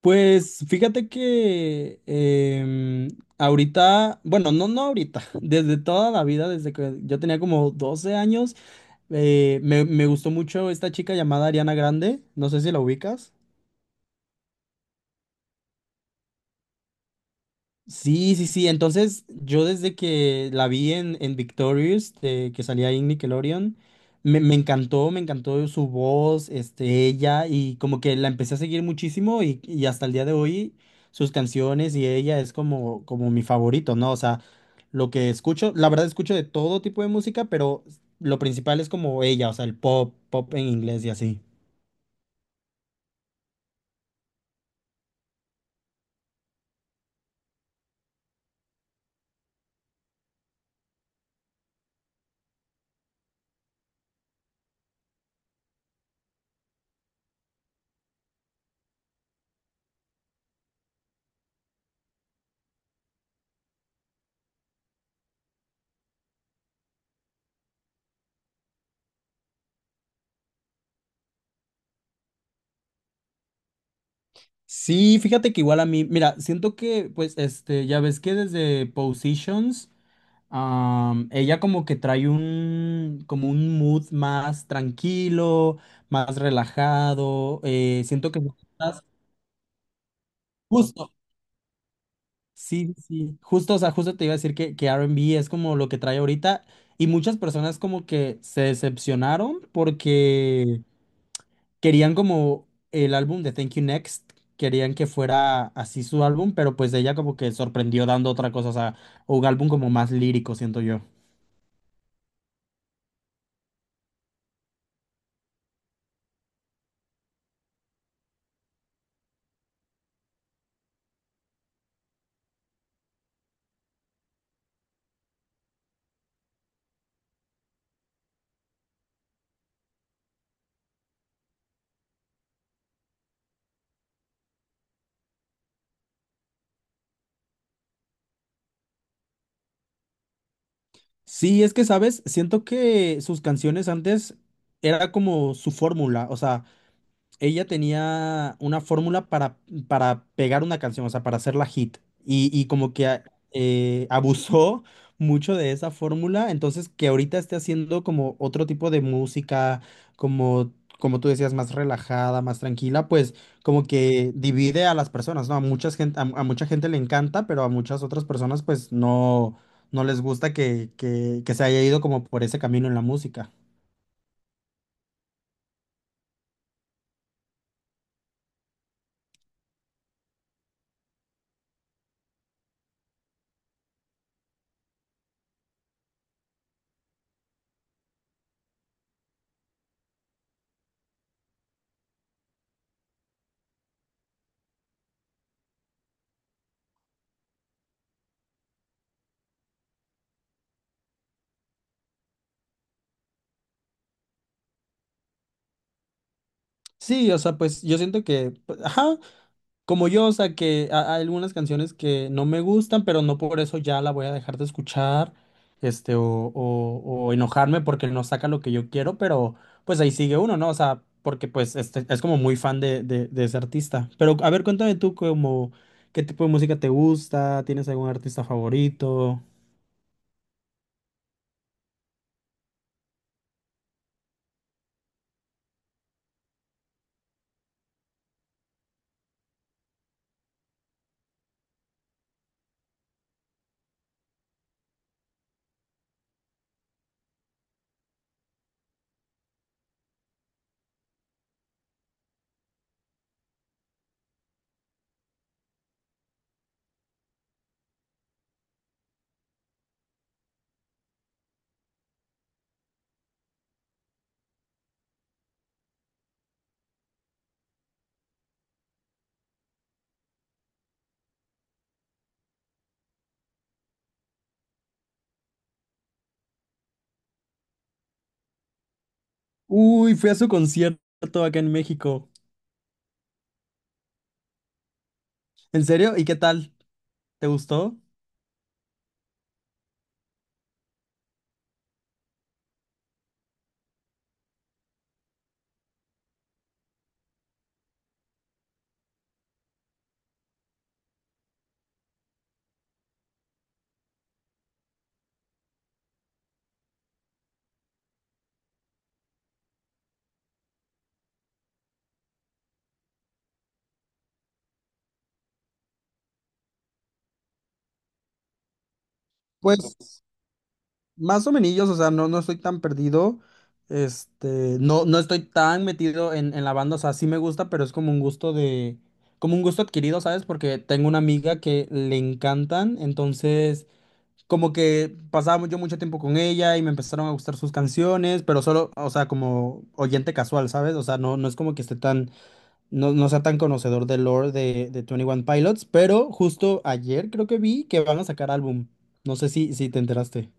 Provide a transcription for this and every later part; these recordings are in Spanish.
Pues fíjate que ahorita, bueno, no ahorita, desde toda la vida, desde que yo tenía como 12 años, me gustó mucho esta chica llamada Ariana Grande, no sé si la ubicas. Sí, sí, sí. Entonces, yo desde que la vi en Victorious, de que salía ahí en Nickelodeon, me encantó, me encantó su voz, este, ella, y como que la empecé a seguir muchísimo y hasta el día de hoy sus canciones y ella es como, como mi favorito, ¿no? O sea, lo que escucho, la verdad escucho de todo tipo de música, pero lo principal es como ella, o sea, el pop, pop en inglés y así. Sí, fíjate que igual a mí, mira, siento que, pues, este, ya ves que desde Positions. Ella como que trae un, como un mood más tranquilo, más relajado. Siento que estás justo, sí, sí, justo, o sea, justo te iba a decir que R&B es como lo que trae ahorita y muchas personas como que se decepcionaron porque querían como el álbum de Thank You Next, querían que fuera así su álbum, pero pues ella como que sorprendió dando otra cosa, o sea, un álbum como más lírico, siento yo. Sí, es que, ¿sabes? Siento que sus canciones antes era como su fórmula, o sea, ella tenía una fórmula para pegar una canción, o sea, para hacerla hit. Y como que abusó mucho de esa fórmula, entonces que ahorita esté haciendo como otro tipo de música, como, como tú decías, más relajada, más tranquila, pues como que divide a las personas, ¿no? A mucha gente, a mucha gente le encanta, pero a muchas otras personas pues no, no les gusta que se haya ido como por ese camino en la música. Sí, o sea, pues yo siento que, pues, ajá, como yo, o sea, que hay algunas canciones que no me gustan, pero no por eso ya la voy a dejar de escuchar, este, o enojarme porque no saca lo que yo quiero, pero pues ahí sigue uno, ¿no? O sea, porque pues este, es como muy fan de ese artista. Pero a ver, cuéntame tú como, ¿qué tipo de música te gusta? ¿Tienes algún artista favorito? Uy, fui a su concierto acá en México. ¿En serio? ¿Y qué tal? ¿Te gustó? pues Más o menos, o sea, no estoy tan perdido. Este, no estoy tan metido en la banda. O sea, sí me gusta, pero es como un gusto de, como un gusto adquirido, ¿sabes? Porque tengo una amiga que le encantan. Entonces, como que pasaba yo mucho tiempo con ella y me empezaron a gustar sus canciones, pero solo, o sea, como oyente casual, ¿sabes? O sea, no, no es como que esté tan, no, no sea tan conocedor del lore de Twenty One Pilots, pero justo ayer creo que vi que van a sacar álbum. No sé si te enteraste.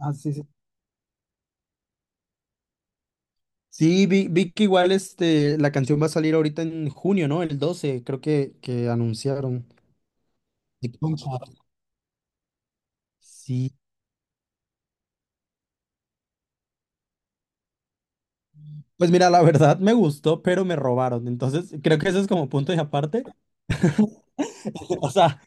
Ah, sí, sí. Sí, vi que igual este, la canción va a salir ahorita en junio, ¿no? El 12 creo que anunciaron. Sí, concha. Sí. Pues mira, la verdad me gustó, pero me robaron. Entonces, creo que eso es como punto y aparte. O sea,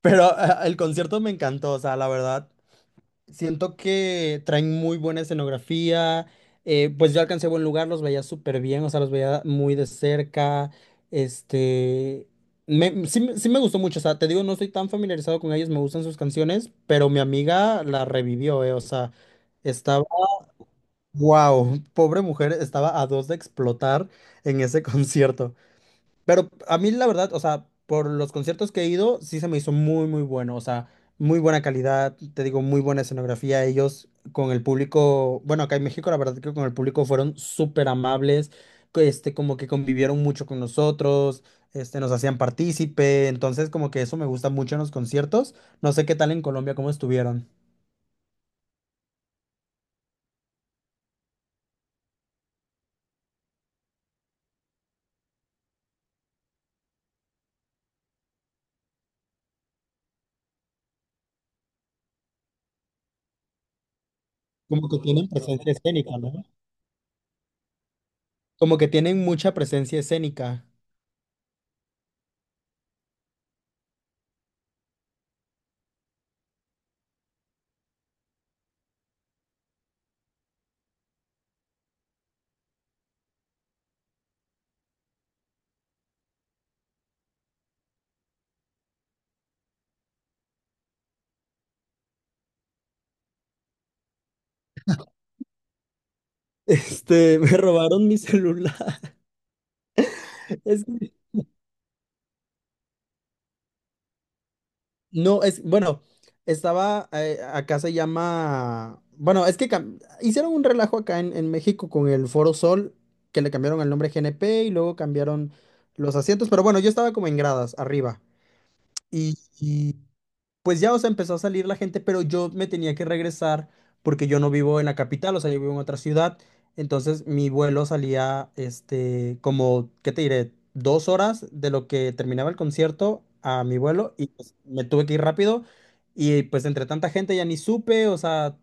pero el concierto me encantó. O sea, la verdad, siento que traen muy buena escenografía. Pues yo alcancé buen lugar, los veía súper bien, o sea, los veía muy de cerca. Este. Me, sí, me sí me gustó mucho, o sea, te digo, no estoy tan familiarizado con ellos, me gustan sus canciones, pero mi amiga la revivió, o sea, estaba. ¡Wow! Pobre mujer, estaba a dos de explotar en ese concierto. Pero a mí la verdad, o sea, por los conciertos que he ido, sí se me hizo muy, muy bueno, o sea, muy buena calidad, te digo, muy buena escenografía. Ellos con el público, bueno, acá en México la verdad que con el público fueron súper amables, que, este, como que convivieron mucho con nosotros, este, nos hacían partícipe, entonces como que eso me gusta mucho en los conciertos. No sé qué tal en Colombia, cómo estuvieron. Como que tienen presencia escénica, ¿no? Como que tienen mucha presencia escénica. Este, me robaron mi celular. Es que no, es, bueno, estaba, acá se llama, bueno, es que hicieron un relajo acá en México con el Foro Sol, que le cambiaron el nombre GNP y luego cambiaron los asientos, pero bueno, yo estaba como en gradas, arriba pues ya, o sea, empezó a salir la gente, pero yo me tenía que regresar porque yo no vivo en la capital, o sea, yo vivo en otra ciudad. Entonces mi vuelo salía, este, como, ¿qué te diré? Dos horas de lo que terminaba el concierto a mi vuelo y pues, me tuve que ir rápido y pues entre tanta gente ya ni supe, o sea,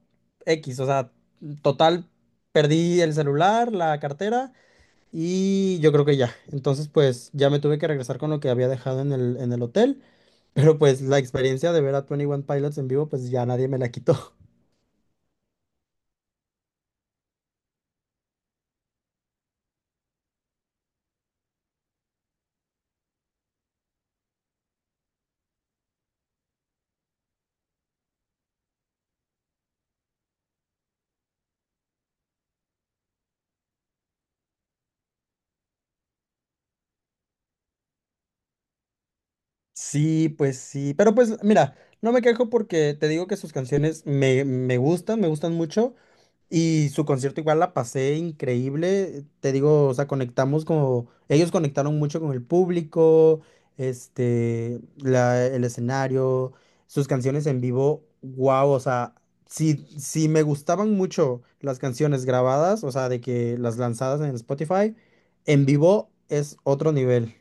X, o sea, total, perdí el celular, la cartera y yo creo que ya. Entonces pues ya me tuve que regresar con lo que había dejado en el hotel. Pero pues la experiencia de ver a Twenty One Pilots en vivo, pues ya nadie me la quitó. Sí, pues sí. Pero pues mira, no me quejo porque te digo que sus canciones me gustan, me gustan mucho. Y su concierto igual la pasé increíble, te digo, o sea, conectamos como, ellos conectaron mucho con el público, este, el escenario, sus canciones en vivo, wow, o sea, si me gustaban mucho las canciones grabadas, o sea, de que las lanzadas en Spotify, en vivo es otro nivel.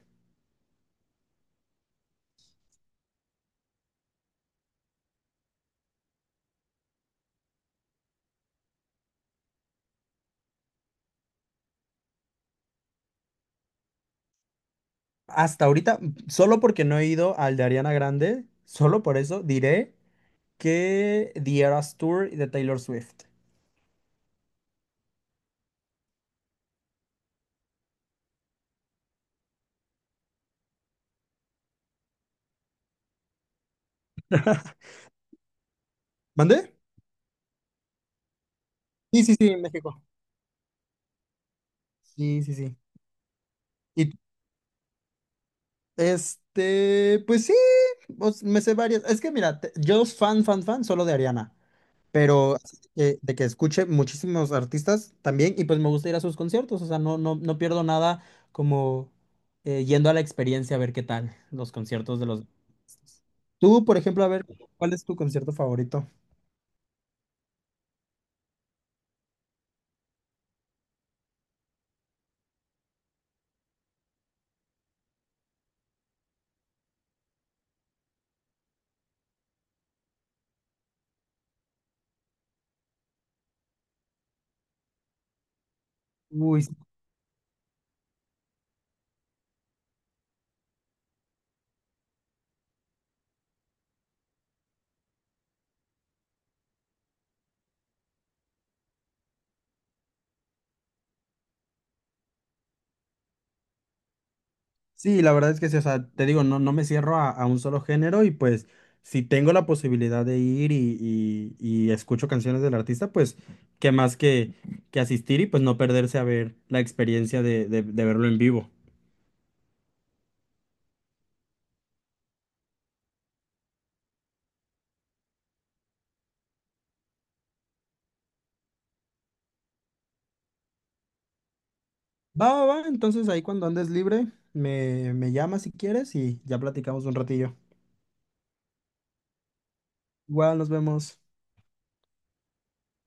Hasta ahorita, solo porque no he ido al de Ariana Grande, solo por eso diré que The Eras Tour de Taylor Swift. ¿Mandé? Sí, sí, sí, en México. Sí, sí, sí. Y este, pues sí, pues, me sé varias. Es que mira, yo fan, fan, fan solo de Ariana, pero así de que escuche muchísimos artistas también y pues me gusta ir a sus conciertos, o sea, no, no, no pierdo nada como yendo a la experiencia a ver qué tal los conciertos de los... Tú, por ejemplo, a ver, ¿cuál es tu concierto favorito? Uy, sí, la verdad es que sí, o sea, te digo, no, no me cierro a un solo género y pues si tengo la posibilidad de ir y escucho canciones del artista, pues qué más que asistir y pues no perderse a ver la experiencia de, de verlo en vivo. Va, va, va, entonces ahí cuando andes libre, me llamas si quieres y ya platicamos un ratillo. Igual nos vemos.